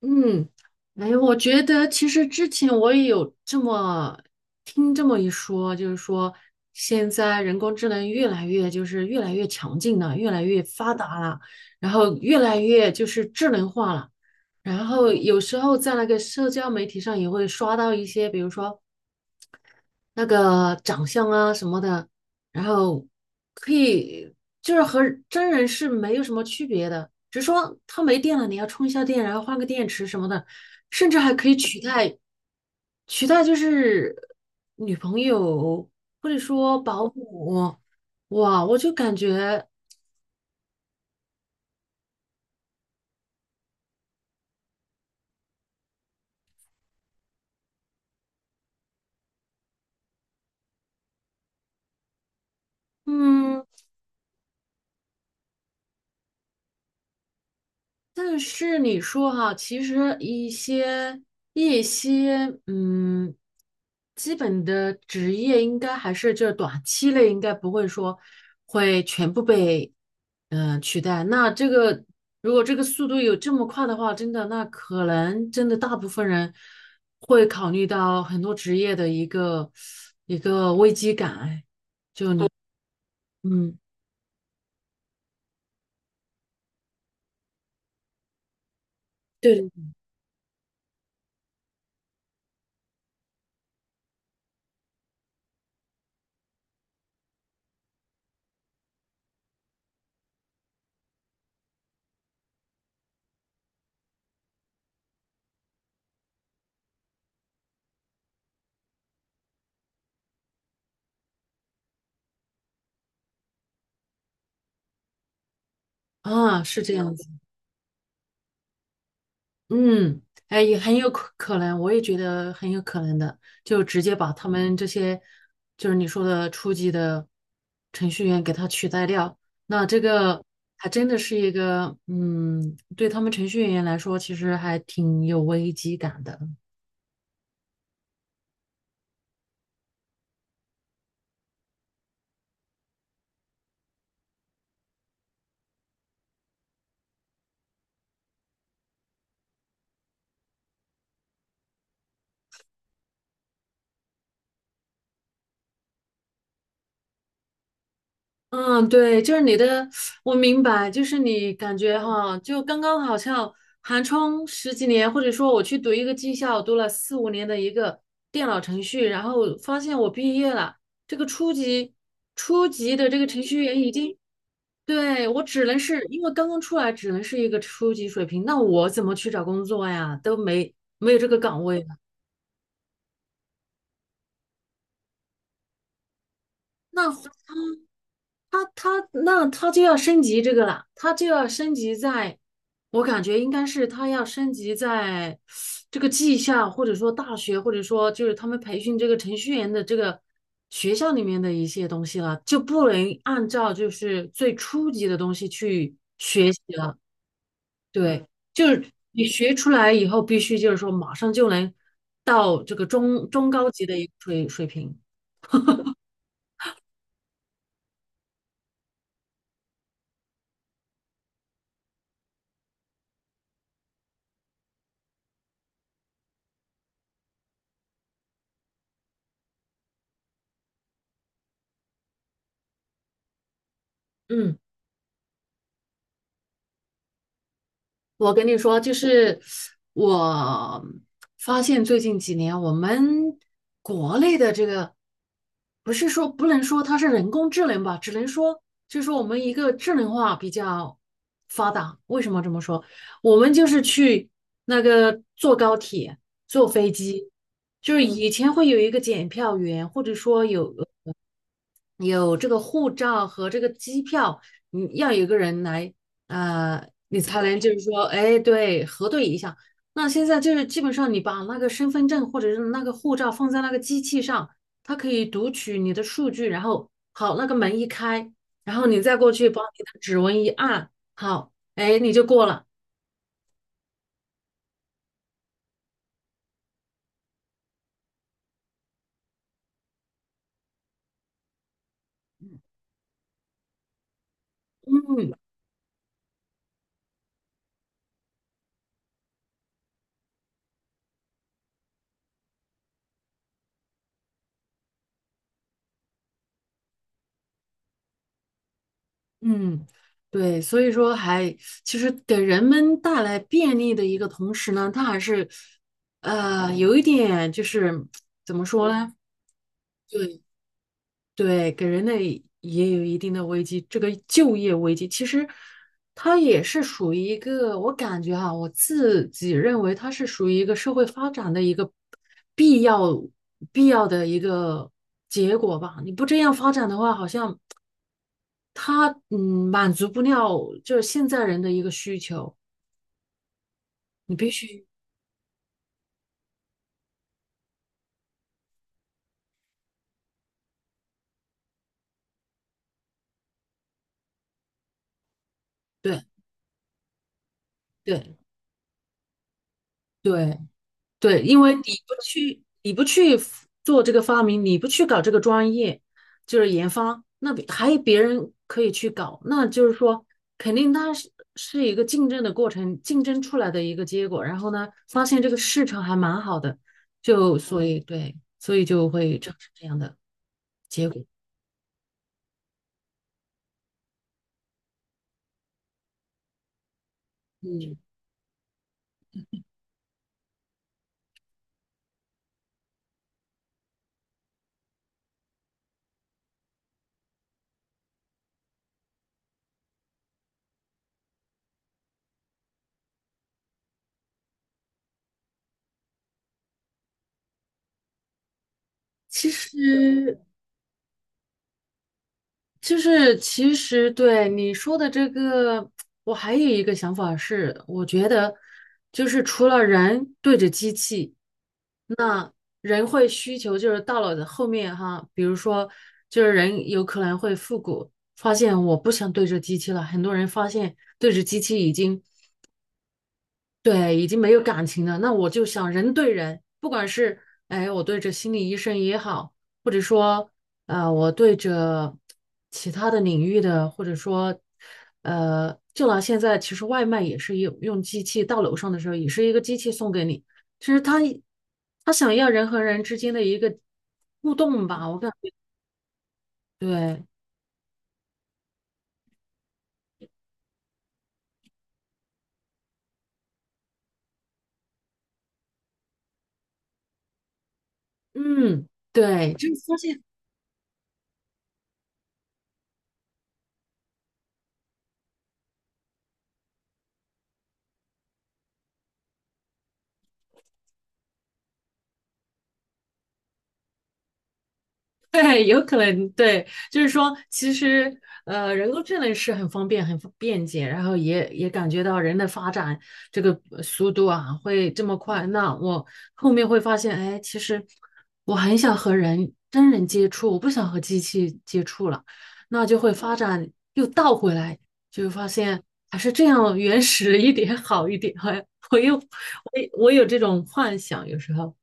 嗯，哎，我觉得其实之前我也有听这么一说，就是说现在人工智能越来越强劲了，越来越发达了，然后越来越就是智能化了。然后有时候在那个社交媒体上也会刷到一些，比如说那个长相啊什么的，然后可以就是和真人是没有什么区别的，只是说它没电了，你要充一下电，然后换个电池什么的，甚至还可以取代就是女朋友或者说保姆，哇，我就感觉嗯。但是你说哈，其实一些基本的职业应该还是就是短期内应该不会说会全部被取代。那这个如果这个速度有这么快的话，真的那可能真的大部分人会考虑到很多职业的一个危机感。哎，嗯，对，啊，是这样。嗯，哎，也很有可能，我也觉得很有可能的，就直接把他们这些，就是你说的初级的程序员给他取代掉，那这个还真的是一个，嗯，对他们程序员来说，其实还挺有危机感的。嗯，对，就是你的，我明白，就是你感觉哈，就刚刚好像寒窗十几年，或者说我去读一个技校，读了四五年的一个电脑程序，然后发现我毕业了，这个初级的这个程序员已经，对，我只能是因为刚刚出来，只能是一个初级水平，那我怎么去找工作呀？都没有这个岗位了，那他他那他就要升级这个了，他就要升级在，我感觉应该是他要升级在这个技校，或者说大学，或者说就是他们培训这个程序员的这个学校里面的一些东西了，就不能按照就是最初级的东西去学习了。对，就是你学出来以后，必须就是说马上就能到这个中高级的一个水平。嗯。我跟你说，就是我发现最近几年，我们国内的这个不是说不能说它是人工智能吧，只能说就是说我们一个智能化比较发达。为什么这么说？我们就是去那个坐高铁、坐飞机，就是以前会有一个检票员，或者说有这个护照和这个机票，你要有一个人来，你才能就是说，哎，对，核对一下。那现在就是基本上你把那个身份证或者是那个护照放在那个机器上，它可以读取你的数据，然后好，那个门一开，然后你再过去把你的指纹一按，好，哎，你就过了。嗯，对，所以说其实给人们带来便利的一个同时呢，它还是有一点就是怎么说呢？对对，给人类也有一定的危机。这个就业危机其实它也是属于一个，我感觉哈、我自己认为它是属于一个社会发展的一个必要必要的一个结果吧。你不这样发展的话，好像。它嗯满足不了就是现在人的一个需求，你必须对对对对，因为你不去 做这个发明，你不去搞这个专业，就是研发，那别还有别人可以去搞，那就是说肯定它是一个竞争的过程，竞争出来的一个结果，然后呢，发现这个市场还蛮好的，就所以对，所以就会产生这样的结果，嗯。其实，就是其实对你说的这个，我还有一个想法是，我觉得就是除了人对着机器，那人会需求就是到了后面哈，比如说就是人有可能会复古，发现我不想对着机器了，很多人发现对着机器已经。对，已经没有感情了。那我就想人对人，不管是哎，我对着心理医生也好，或者说我对着其他的领域的，或者说就拿现在其实外卖也是用机器到楼上的时候，也是一个机器送给你。其实他他想要人和人之间的一个互动吧，我感觉对，嗯，对，就是发现。对，有可能对，就是说，其实人工智能是很方便、很方便捷，然后也感觉到人的发展这个速度啊会这么快。那我后面会发现，哎，其实我很想和人真人接触，我不想和机器接触了，那就会发展又倒回来，就发现还是这样原始一点好一点。我我又我我有这种幻想，有时候。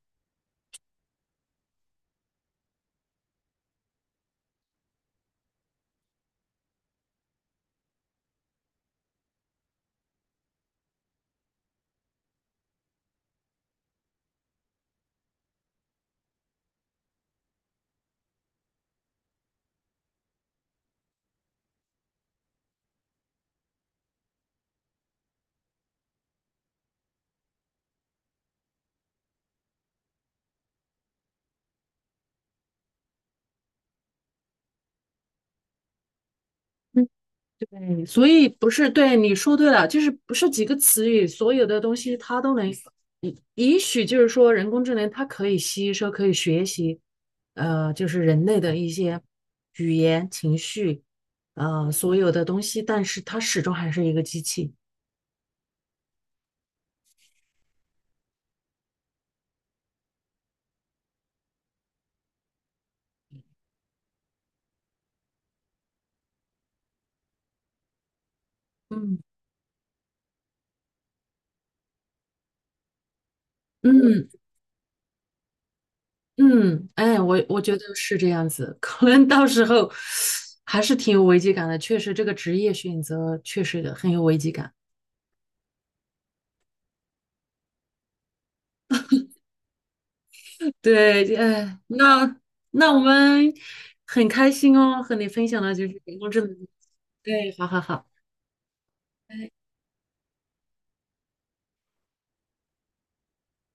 对，所以不是，对，你说对了，就是不是几个词语，所有的东西它都能，也许就是说人工智能它可以吸收，可以学习，就是人类的一些语言、情绪，所有的东西，但是它始终还是一个机器。嗯嗯嗯，哎，我觉得是这样子，可能到时候还是挺有危机感的。确实，这个职业选择确实很有危机感。对，哎，那我们很开心哦，和你分享了就是人工智能。对，好好好。